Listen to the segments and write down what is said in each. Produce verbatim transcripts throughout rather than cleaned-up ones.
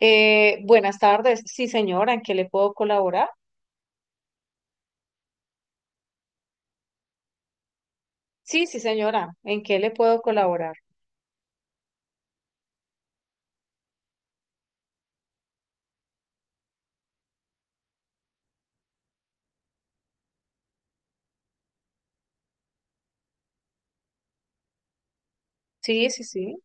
Eh, buenas tardes. Sí, señora, ¿en qué le puedo colaborar? Sí, sí, señora, ¿en qué le puedo colaborar? Sí, sí, sí.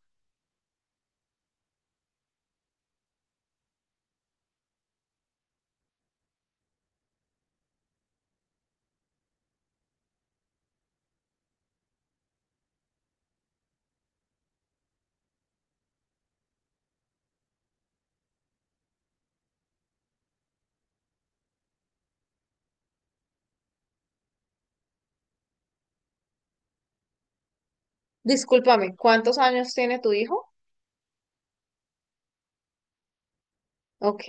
Discúlpame, ¿cuántos años tiene tu hijo? Ok.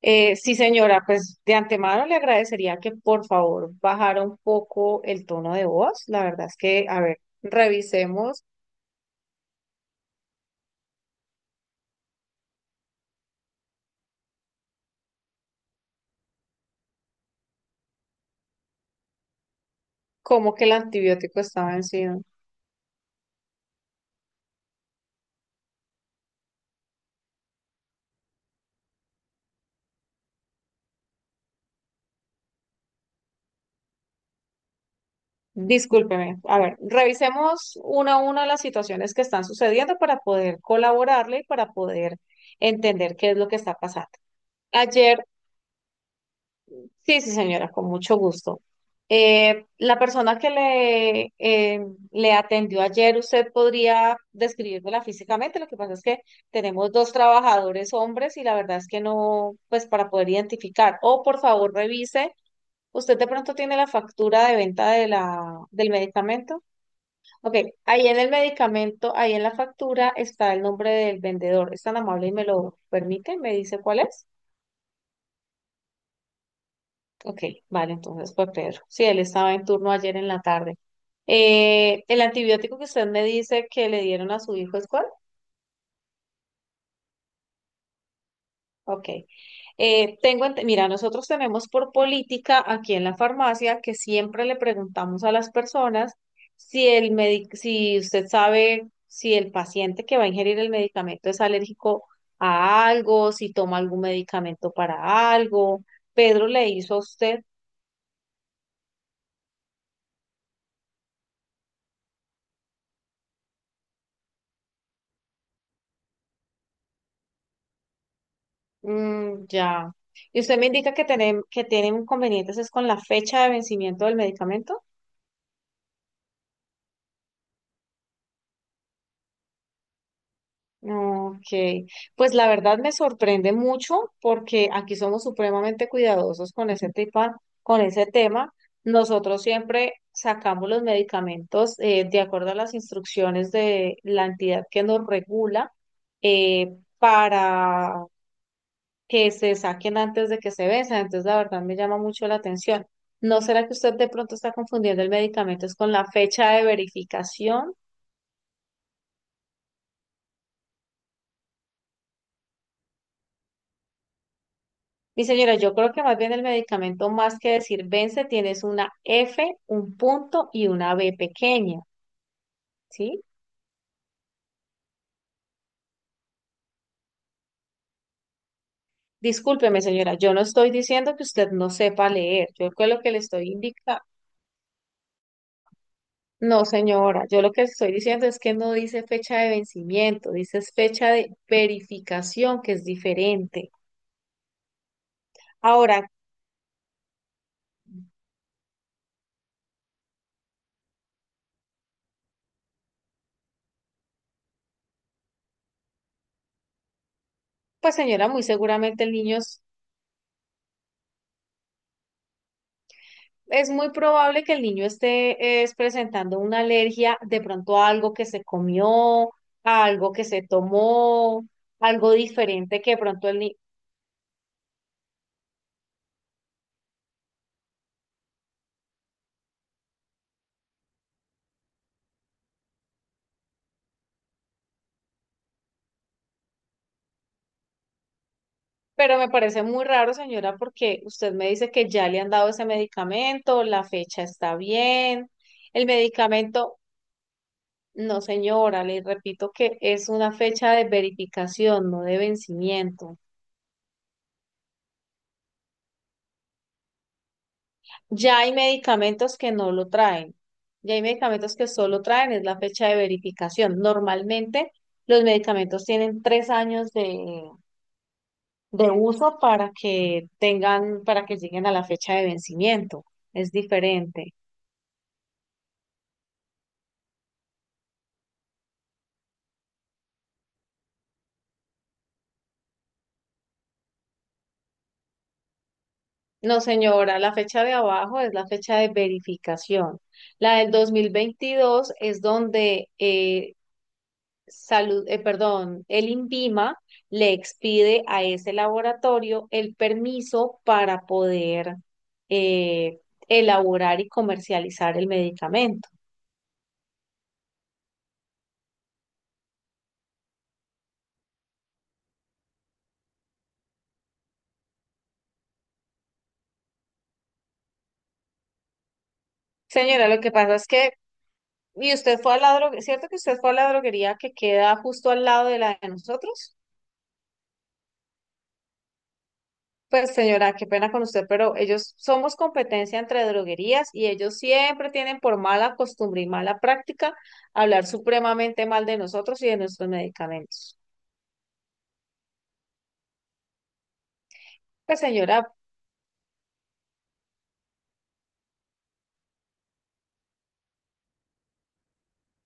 Eh, sí, señora, pues de antemano le agradecería que por favor bajara un poco el tono de voz. La verdad es que, a ver, revisemos cómo que el antibiótico está vencido. Discúlpeme. A ver, revisemos una a una las situaciones que están sucediendo para poder colaborarle y para poder entender qué es lo que está pasando. Ayer, sí, sí, señora, con mucho gusto. Eh, la persona que le, eh, le atendió ayer, usted podría describirla físicamente. Lo que pasa es que tenemos dos trabajadores hombres y la verdad es que no, pues para poder identificar. O por favor, revise. ¿Usted de pronto tiene la factura de venta de la, del medicamento? Ok, ahí en el medicamento, ahí en la factura está el nombre del vendedor. ¿Es tan amable y me lo permite? ¿Me dice cuál es? Ok, vale, entonces fue Pedro. Sí, él estaba en turno ayer en la tarde. Eh, ¿el antibiótico que usted me dice que le dieron a su hijo es cuál? Ok. Eh, tengo, ent- mira, nosotros tenemos por política aquí en la farmacia que siempre le preguntamos a las personas si el medi- si usted sabe si el paciente que va a ingerir el medicamento es alérgico a algo, si toma algún medicamento para algo. Pedro le hizo a usted, mm, ya. Y usted me indica que tienen, que tienen inconvenientes es con la fecha de vencimiento del medicamento. Ok, pues la verdad me sorprende mucho porque aquí somos supremamente cuidadosos con ese tema, con ese tema. Nosotros siempre sacamos los medicamentos eh, de acuerdo a las instrucciones de la entidad que nos regula eh, para que se saquen antes de que se venzan. Entonces, la verdad me llama mucho la atención. ¿No será que usted de pronto está confundiendo el medicamento es con la fecha de verificación? Mi señora, yo creo que más bien el medicamento, más que decir vence, tienes una F, un punto y una B pequeña, ¿sí? Discúlpeme, señora, yo no estoy diciendo que usted no sepa leer. Yo con lo que le estoy indicando. No, señora, yo lo que estoy diciendo es que no dice fecha de vencimiento, dice es fecha de verificación, que es diferente. Ahora, pues señora, muy seguramente el niño. Es muy probable que el niño esté es, presentando una alergia de pronto a algo que se comió, a algo que se tomó, algo diferente que de pronto el niño... Pero me parece muy raro, señora, porque usted me dice que ya le han dado ese medicamento, la fecha está bien, el medicamento... No, señora, le repito que es una fecha de verificación, no de vencimiento. Ya hay medicamentos que no lo traen. Ya hay medicamentos que solo traen, es la fecha de verificación. Normalmente los medicamentos tienen tres años de, de uso para que tengan, para que lleguen a la fecha de vencimiento. Es diferente. No, señora, la fecha de abajo es la fecha de verificación. La del dos mil veintidós es donde eh, Salud, eh, perdón, el INVIMA le expide a ese laboratorio el permiso para poder eh, elaborar y comercializar el medicamento. Señora, lo que pasa es que, y usted fue a la droguería, ¿cierto que usted fue a la droguería que queda justo al lado de la de nosotros? Pues señora, qué pena con usted, pero ellos somos competencia entre droguerías y ellos siempre tienen por mala costumbre y mala práctica hablar supremamente mal de nosotros y de nuestros medicamentos. Pues señora,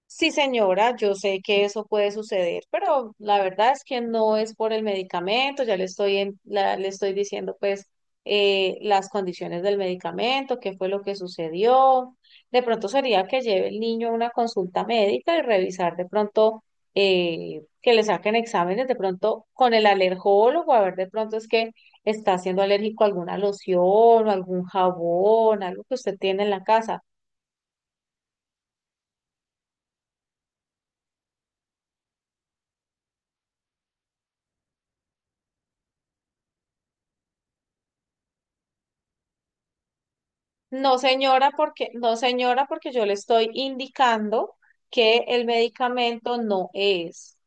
sí señora, yo sé que eso puede suceder, pero la verdad es que no es por el medicamento, ya le estoy en- la- le estoy diciendo pues eh, las condiciones del medicamento, qué fue lo que sucedió. De pronto sería que lleve el niño a una consulta médica y revisar de pronto eh, que le saquen exámenes de pronto con el alergólogo, a ver de pronto es que está siendo alérgico a alguna loción o algún jabón, algo que usted tiene en la casa. No, señora, porque no, señora, porque yo le estoy indicando que el medicamento no es.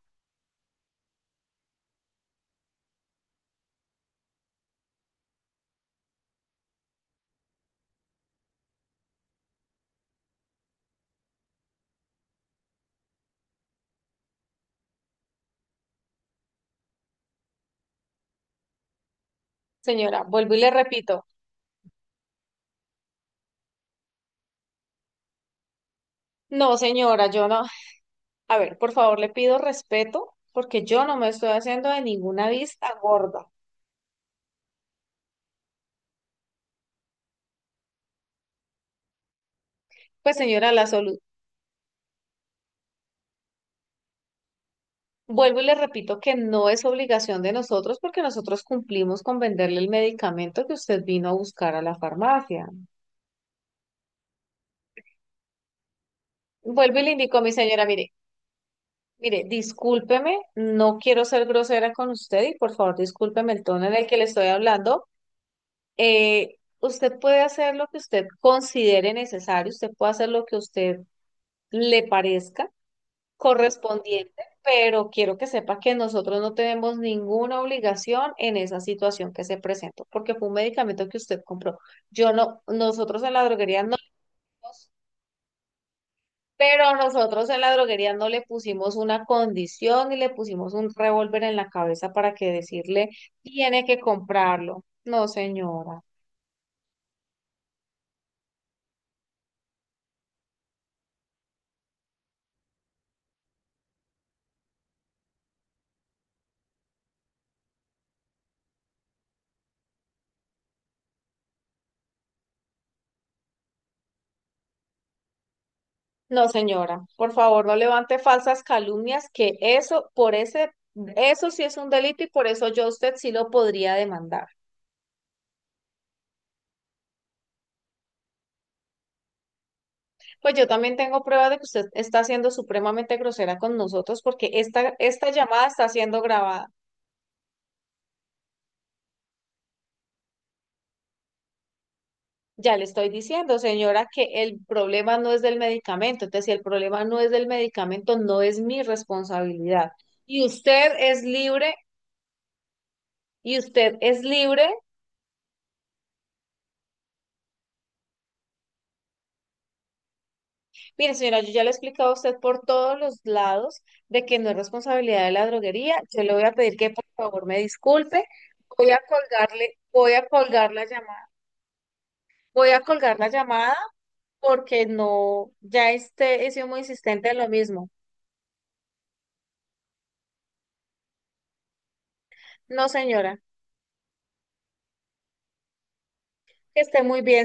Señora, vuelvo y le repito. No, señora, yo no. A ver, por favor, le pido respeto porque yo no me estoy haciendo de ninguna vista gorda. Pues, señora, la salud. Vuelvo y le repito que no es obligación de nosotros porque nosotros cumplimos con venderle el medicamento que usted vino a buscar a la farmacia. Vuelvo y le indico a mi señora, mire, mire, discúlpeme, no quiero ser grosera con usted y por favor discúlpeme el tono en el que le estoy hablando. Eh, usted puede hacer lo que usted considere necesario, usted puede hacer lo que usted le parezca correspondiente, pero quiero que sepa que nosotros no tenemos ninguna obligación en esa situación que se presentó, porque fue un medicamento que usted compró. Yo no, nosotros en la droguería no. Pero nosotros en la droguería no le pusimos una condición y le pusimos un revólver en la cabeza para que decirle, tiene que comprarlo. No, señora. No, señora. Por favor, no levante falsas calumnias, que eso, por ese, eso sí es un delito y por eso yo a usted sí lo podría demandar. Pues yo también tengo pruebas de que usted está siendo supremamente grosera con nosotros porque esta, esta llamada está siendo grabada. Ya le estoy diciendo, señora, que el problema no es del medicamento. Entonces, si el problema no es del medicamento, no es mi responsabilidad. Y usted es libre, y usted es libre. Mire, señora, yo ya le he explicado a usted por todos los lados de que no es responsabilidad de la droguería. Yo le voy a pedir que por favor me disculpe. Voy a colgarle, voy a colgar la llamada. Voy a colgar la llamada porque no, ya este, he sido muy insistente en lo mismo. No, señora, que esté muy bien.